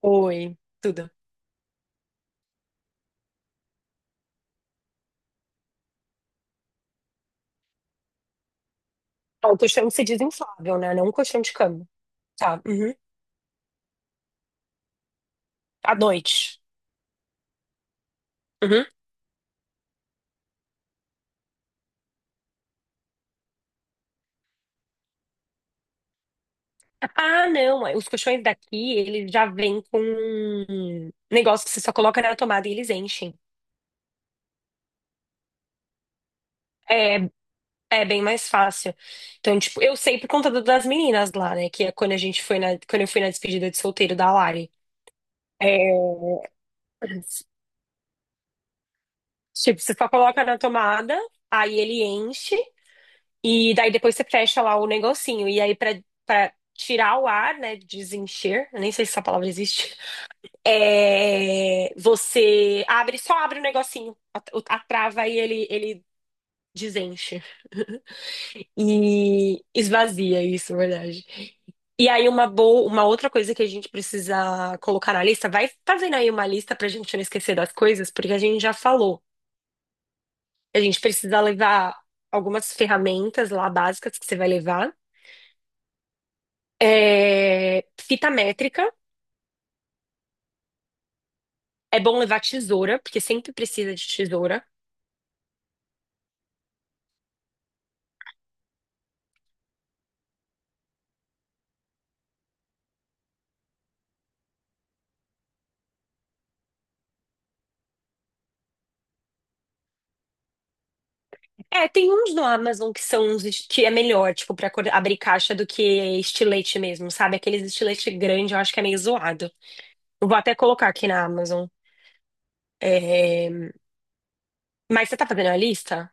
Oi, tudo. Ah, o colchão se desinflável, né? Não um colchão de cama. Tá. Uhum. À noite. Uhum. Ah, não. Os colchões daqui, eles já vêm com um negócio que você só coloca na tomada e eles enchem. É, é bem mais fácil. Então, tipo, eu sei por conta das meninas lá, né? Que é quando a gente foi na, quando eu fui na despedida de solteiro da Lari. É, tipo, você só coloca na tomada, aí ele enche. E daí depois você fecha lá o negocinho. E aí, pra tirar o ar, né? Desencher, eu nem sei se essa palavra existe. É, você abre, só abre o negocinho, a trava e ele desenche. E esvazia isso, na verdade. E aí, uma outra coisa que a gente precisa colocar na lista, vai fazendo aí uma lista pra gente não esquecer das coisas, porque a gente já falou. A gente precisa levar algumas ferramentas lá básicas que você vai levar. É, fita métrica. É bom levar tesoura, porque sempre precisa de tesoura. É, tem uns no Amazon que são que é melhor, tipo, pra abrir caixa do que estilete mesmo, sabe? Aqueles estilete grande, eu acho que é meio zoado. Eu Vou até colocar aqui na Amazon. É, mas você tá fazendo a lista?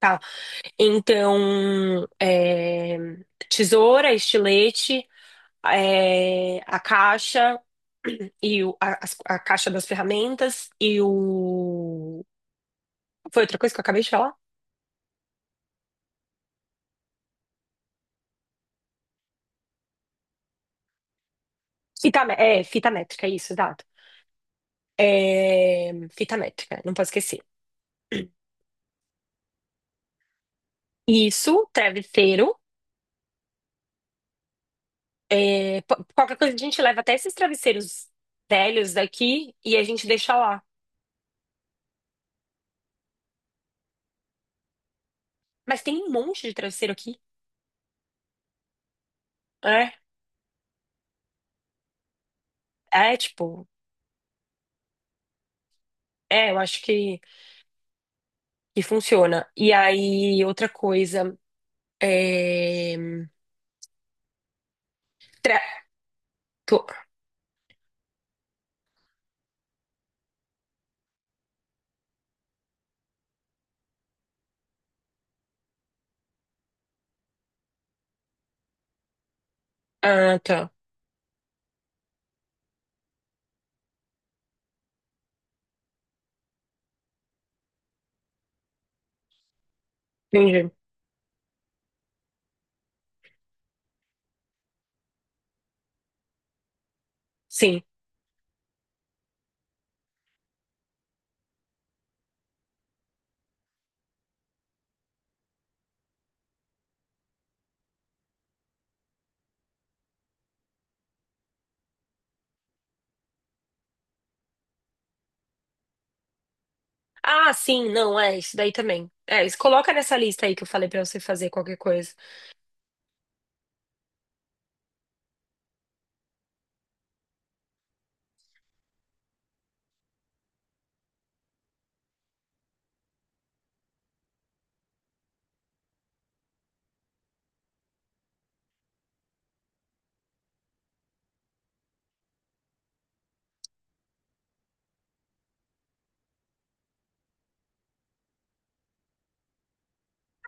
Tá. Então, tesoura, estilete. A caixa e a caixa das ferramentas e o. Foi outra coisa que eu acabei de falar? Fita métrica, isso, exato. É, fita métrica, não posso esquecer. Isso, travesseiro. Qualquer coisa a gente leva até esses travesseiros velhos daqui e a gente deixa lá. Mas tem um monte de travesseiro aqui. É, é tipo, é, eu acho que funciona. E aí, outra coisa. É, tô. Ah, tá. Entendi. Sim. Ah, sim, não, é isso daí também. É, isso, coloca nessa lista aí que eu falei pra você fazer qualquer coisa.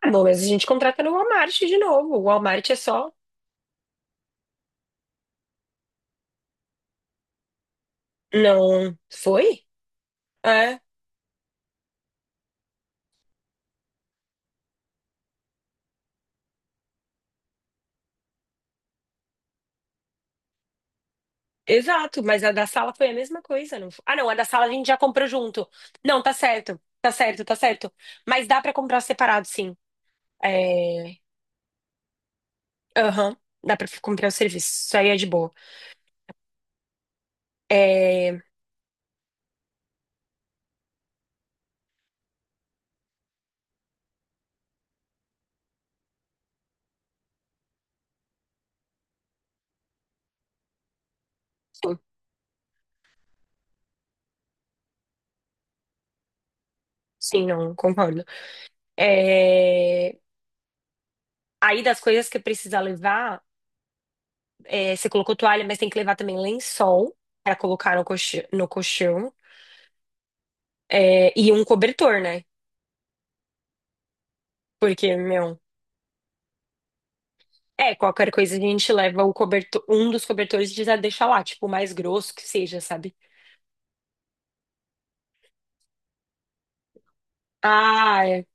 Ah, bom, mas a gente contrata no Walmart de novo. O Walmart é só. Não. Foi? É, exato. Mas a da sala foi a mesma coisa, não foi? Ah, não, a da sala a gente já comprou junto. Não, tá certo. Tá certo, tá certo. Mas dá pra comprar separado, sim. É. Aham. Dá pra comprar o serviço. Isso aí é de boa. É. Sim, sim, não, concordo. É. Aí das coisas que precisa levar, é, você colocou toalha, mas tem que levar também lençol para colocar no colchão, é, e um cobertor, né? Porque, meu, é, qualquer coisa a gente leva o cobertor, um dos cobertores e já deixa lá, tipo, o mais grosso que seja, sabe? Ah, é.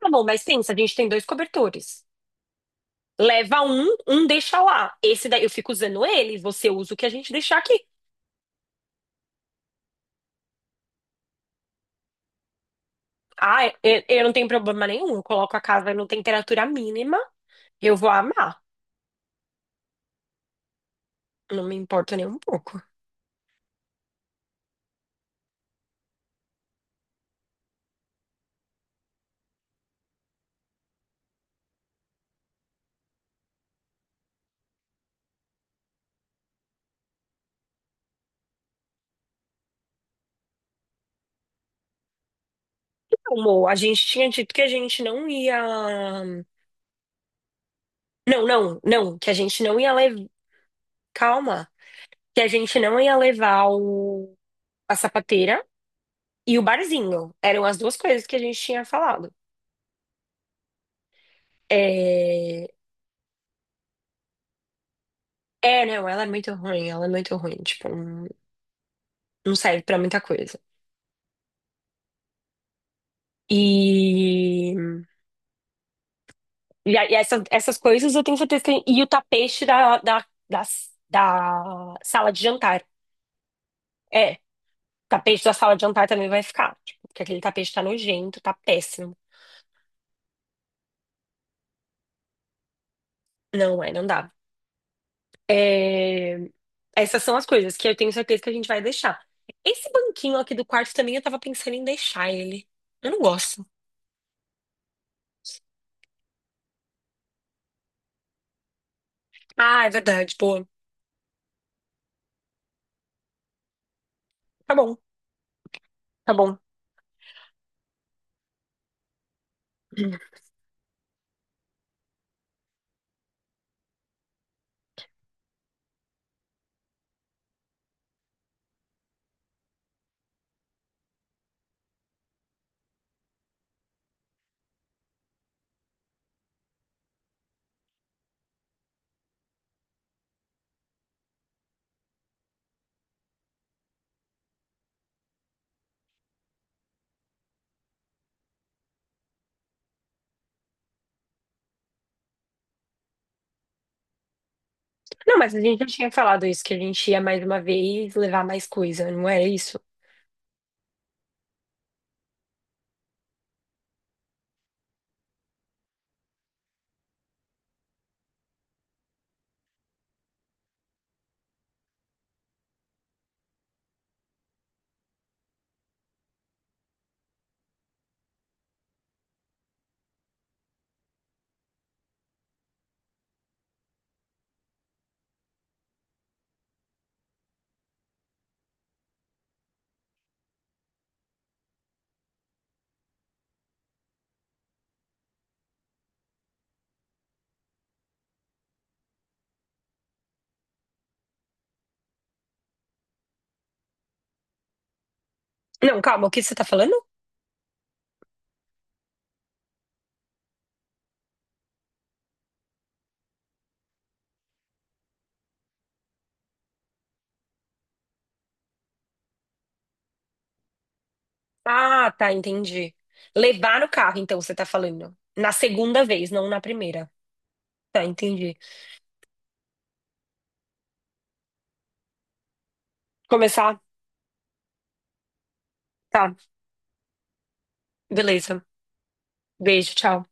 Tá bom, mas pensa, a gente tem dois cobertores. Leva um, um deixa lá. Esse daí eu fico usando ele, você usa o que a gente deixar aqui. Ah, eu não tenho problema nenhum, eu coloco a casa na temperatura mínima, eu vou amar. Não me importa nem um pouco. Não, Mo, a gente tinha dito que a gente não ia. Não, não, não, que a gente não ia levar. Calma, que a gente não ia levar o... a sapateira e o barzinho. Eram as duas coisas que a gente tinha falado. É, é, não, ela é muito ruim, ela é muito ruim. Tipo, não não serve pra muita coisa. E, e essas coisas eu tenho certeza que. E o tapete da sala de jantar. É, tapete da sala de jantar também vai ficar. Tipo, porque aquele tapete tá nojento, tá péssimo. Não é, não dá. É, essas são as coisas que eu tenho certeza que a gente vai deixar. Esse banquinho aqui do quarto também eu tava pensando em deixar ele. Eu não gosto. Ah, é verdade, boa. Tá bom, tá bom. Não, mas a gente já tinha falado isso, que a gente ia mais uma vez levar mais coisa, não era isso? Não, calma, o que você tá falando? Ah, tá, entendi. Levar no carro, então, você tá falando. Na segunda vez, não na primeira. Tá, entendi. Começar? Tá, beleza. Beijo, tchau.